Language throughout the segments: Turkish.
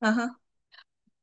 Aha.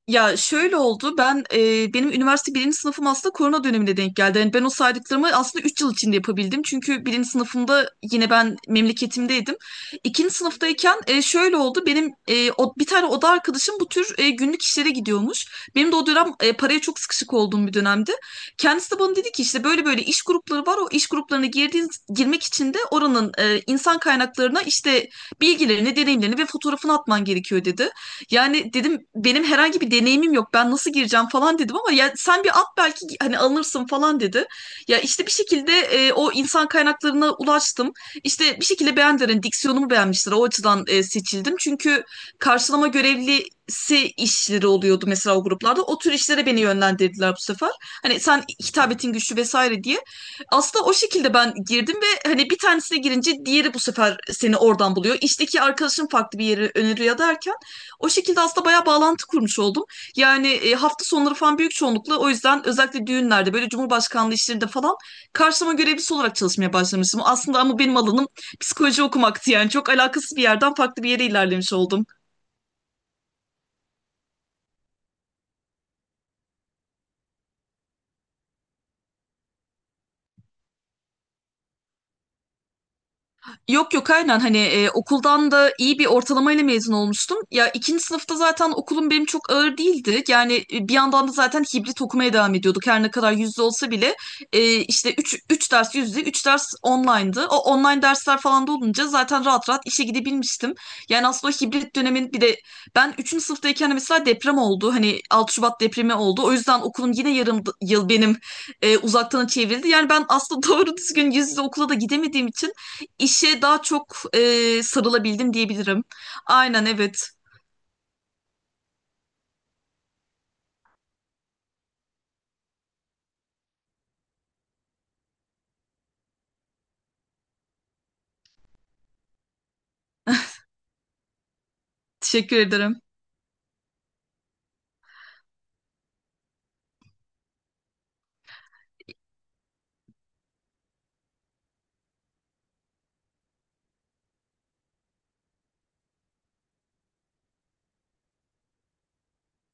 Ya şöyle oldu, ben benim üniversite birinci sınıfım aslında korona dönemine denk geldi. Yani ben o saydıklarımı aslında 3 yıl içinde yapabildim. Çünkü birinci sınıfımda yine ben memleketimdeydim. İkinci sınıftayken şöyle oldu, benim bir tane oda arkadaşım bu tür günlük işlere gidiyormuş. Benim de o dönem paraya çok sıkışık olduğum bir dönemdi. Kendisi de bana dedi ki işte böyle böyle iş grupları var. O iş gruplarına girdiğin, girmek için de oranın insan kaynaklarına işte bilgilerini, deneyimlerini ve fotoğrafını atman gerekiyor dedi. Yani dedim, benim herhangi bir deneyimim yok. Ben nasıl gireceğim falan dedim, ama ya sen bir at, belki hani alınırsın falan dedi. Ya işte bir şekilde o insan kaynaklarına ulaştım. İşte bir şekilde beğendiler. Hani diksiyonumu beğenmişler. O açıdan seçildim. Çünkü karşılama görevlisi işleri oluyordu mesela o gruplarda. O tür işlere beni yönlendirdiler bu sefer. Hani sen hitabetin güçlü vesaire diye. Aslında o şekilde ben girdim ve hani bir tanesine girince diğeri bu sefer seni oradan buluyor. İşteki arkadaşın farklı bir yeri öneriyor derken o şekilde aslında bayağı bağlantı kurmuş oldum. Yani hafta sonları falan büyük çoğunlukla o yüzden, özellikle düğünlerde, böyle Cumhurbaşkanlığı işlerinde falan karşılama görevlisi olarak çalışmaya başlamıştım. Aslında ama benim alanım psikoloji okumaktı, yani çok alakasız bir yerden farklı bir yere ilerlemiş oldum. Yok yok, aynen, hani okuldan da iyi bir ortalamayla mezun olmuştum. Ya ikinci sınıfta zaten okulum benim çok ağır değildi. Yani bir yandan da zaten hibrit okumaya devam ediyorduk. Her ne kadar yüzde olsa bile işte üç ders yüzde, 3 ders online'dı. O online dersler falan da olunca zaten rahat rahat işe gidebilmiştim. Yani aslında o hibrit dönemin bir de ben üçüncü sınıftayken de mesela deprem oldu. Hani 6 Şubat depremi oldu. O yüzden okulum yine yarım yıl benim uzaktan çevrildi. Yani ben aslında doğru düzgün yüz yüze okula da gidemediğim için İşe daha çok sarılabildim diyebilirim. Aynen evet. Teşekkür ederim.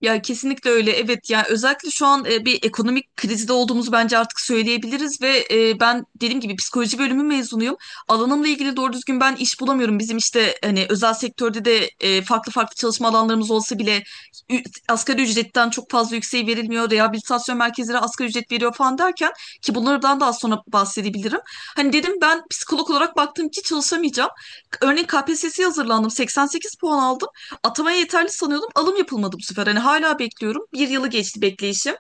Ya kesinlikle öyle. Evet, yani özellikle şu an bir ekonomik krizde olduğumuzu bence artık söyleyebiliriz ve ben dediğim gibi psikoloji bölümü mezunuyum. Alanımla ilgili doğru düzgün ben iş bulamıyorum. Bizim işte hani özel sektörde de farklı farklı çalışma alanlarımız olsa bile ü- asgari ücretten çok fazla yükseği verilmiyor. Rehabilitasyon merkezleri asgari ücret veriyor falan derken, ki bunlardan daha sonra bahsedebilirim. Hani dedim ben psikolog olarak baktım ki çalışamayacağım. Örneğin KPSS'ye hazırlandım. 88 puan aldım. Atamaya yeterli sanıyordum. Alım yapılmadı bu sefer. Hani hala bekliyorum. Bir yılı geçti bekleyişim.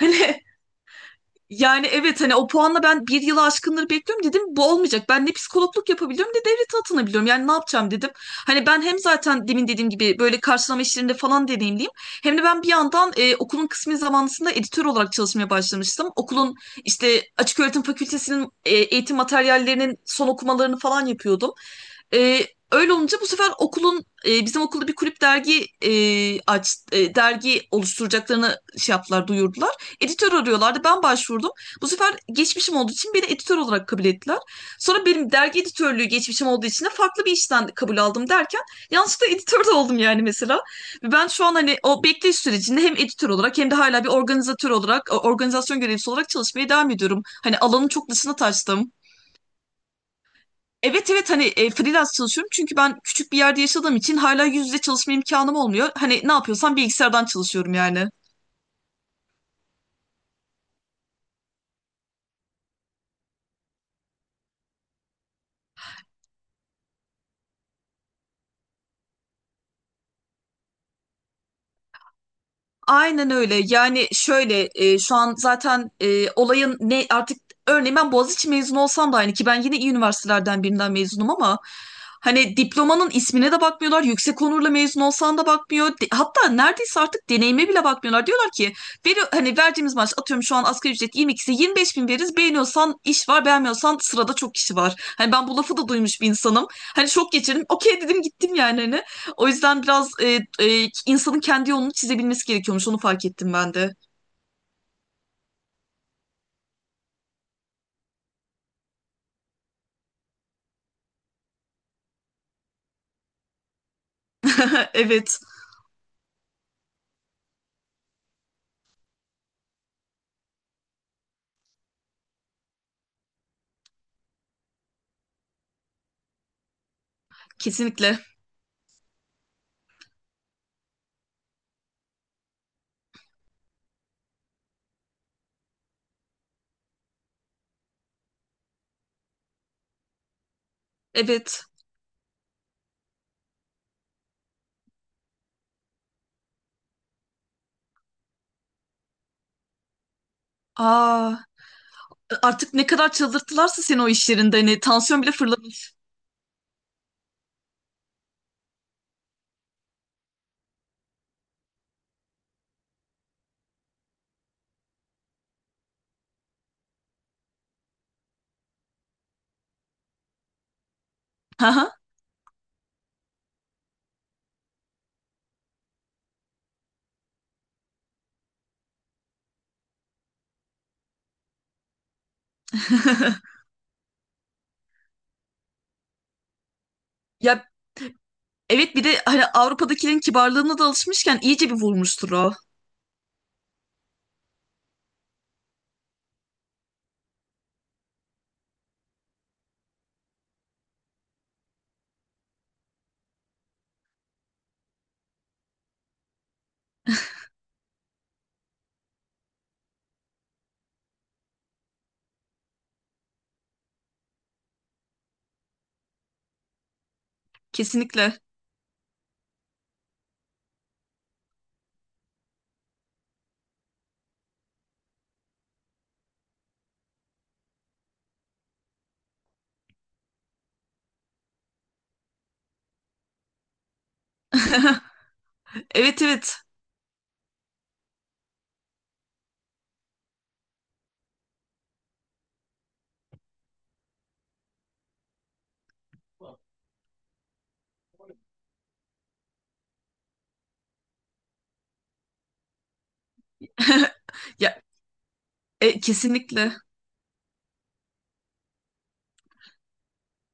Hani yani evet, hani o puanla ben bir yılı aşkınları bekliyorum, dedim bu olmayacak. Ben ne psikologluk yapabiliyorum ne devlete atanabiliyorum. Yani ne yapacağım dedim. Hani ben hem zaten demin dediğim gibi böyle karşılama işlerinde falan deneyimliyim. Hem de ben bir yandan okulun kısmi zamanlısında editör olarak çalışmaya başlamıştım. Okulun işte açık öğretim fakültesinin eğitim materyallerinin son okumalarını falan yapıyordum. E, Öyle olunca bu sefer okulun bizim okulda bir kulüp dergi dergi oluşturacaklarını şey yaptılar, duyurdular. Editör arıyorlardı. Ben başvurdum. Bu sefer geçmişim olduğu için beni editör olarak kabul ettiler. Sonra benim dergi editörlüğü geçmişim olduğu için de farklı bir işten kabul aldım derken yanlışlıkla editör de oldum yani mesela. Ben şu an hani o bekleyiş sürecinde hem editör olarak hem de hala bir organizatör olarak, organizasyon görevlisi olarak çalışmaya devam ediyorum. Hani alanın çok dışına taştım. Evet evet, hani freelance çalışıyorum çünkü ben küçük bir yerde yaşadığım için hala yüz yüze çalışma imkanım olmuyor. Hani ne yapıyorsam bilgisayardan çalışıyorum yani. Aynen öyle. Yani şöyle şu an zaten olayın ne artık, örneğin ben Boğaziçi mezunu olsam da aynı, ki ben yine iyi üniversitelerden birinden mezunum ama hani diplomanın ismine de bakmıyorlar. Yüksek onurla mezun olsan da bakmıyor. Hatta neredeyse artık deneyime bile bakmıyorlar. Diyorlar ki veri, hani verdiğimiz maaş, atıyorum şu an asgari ücret 22'si 25 bin veririz. Beğeniyorsan iş var, beğenmiyorsan sırada çok kişi var. Hani ben bu lafı da duymuş bir insanım. Hani şok geçirdim. Okey dedim gittim yani hani. O yüzden biraz insanın kendi yolunu çizebilmesi gerekiyormuş. Onu fark ettim ben de. Evet, kesinlikle. Evet. Aa, artık ne kadar çıldırttılarsa seni o iş yerinde, hani tansiyon bile fırlamış. Haha. Ya evet, bir de hani Avrupa'dakilerin kibarlığına da alışmışken iyice bir vurmuştur o. Kesinlikle. Evet evet. Ya kesinlikle.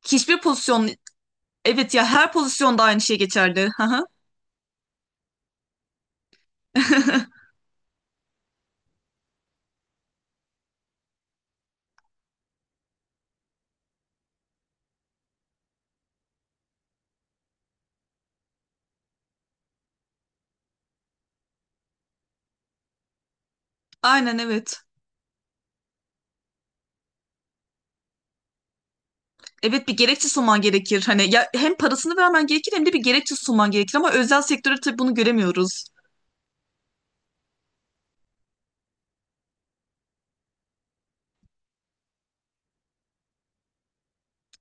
Hiçbir pozisyon evet, ya her pozisyonda aynı şey geçerli. Hı hı. Aynen evet. Evet, bir gerekçe sunman gerekir. Hani ya hem parasını vermen gerekir hem de bir gerekçe sunman gerekir ama özel sektörde tabii bunu göremiyoruz.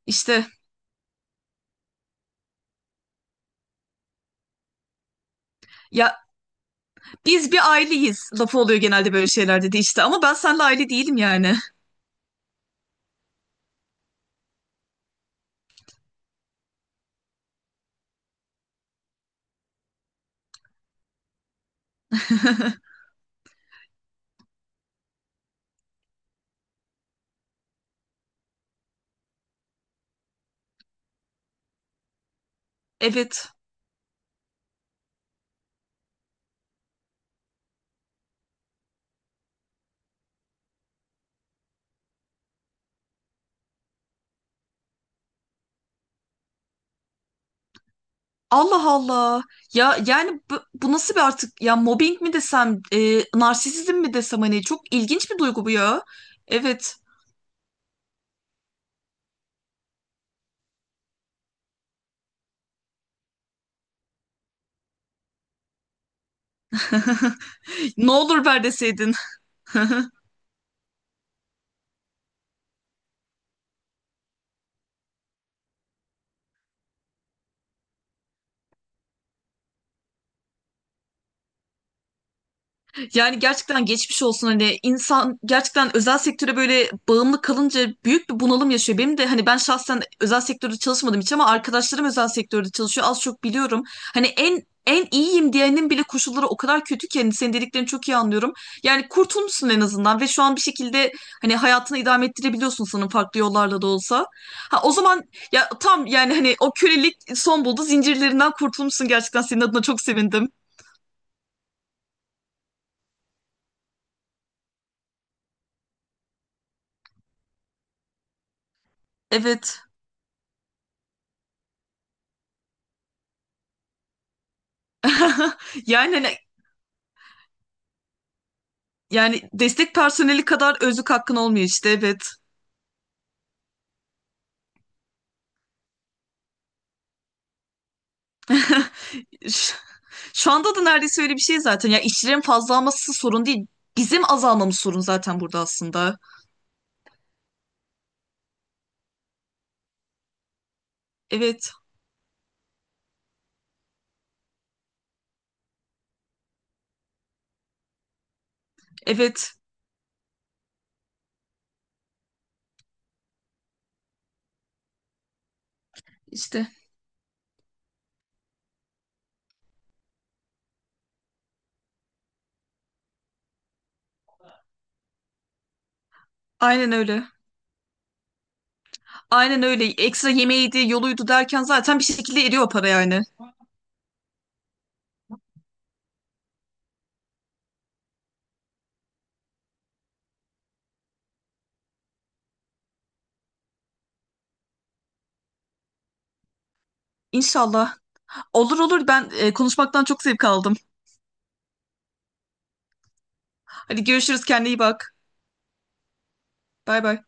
İşte ya biz bir aileyiz lafı oluyor genelde böyle şeylerde de işte, ama ben seninle aile değilim yani. Evet. Allah Allah. Ya yani bu, bu nasıl bir artık, ya mobbing mi desem, narsisizm mi desem, hani çok ilginç bir duygu bu ya. Evet. Ne olur ver deseydin. Yani gerçekten geçmiş olsun, hani insan gerçekten özel sektöre böyle bağımlı kalınca büyük bir bunalım yaşıyor. Benim de hani, ben şahsen özel sektörde çalışmadım hiç ama arkadaşlarım özel sektörde çalışıyor, az çok biliyorum. Hani en en iyiyim diyenin bile koşulları o kadar kötü ki, hani senin dediklerini çok iyi anlıyorum. Yani kurtulmuşsun en azından ve şu an bir şekilde hani hayatını idame ettirebiliyorsun sanırım, farklı yollarla da olsa. Ha o zaman ya tam, yani hani o kölelik son buldu, zincirlerinden kurtulmuşsun, gerçekten senin adına çok sevindim. Evet. Yani hani yani destek personeli kadar özlük hakkın olmuyor işte, evet. Ş- şu anda da neredeyse öyle bir şey zaten. Ya işçilerin fazla alması sorun değil. Bizim azalmamız sorun zaten burada aslında. Evet, evet işte. Aynen öyle. Aynen öyle. Ekstra yemeğiydi, yoluydu derken zaten bir şekilde eriyor o para yani. İnşallah. Olur olur, ben konuşmaktan çok zevk aldım. Hadi görüşürüz, kendine iyi bak. Bay bay.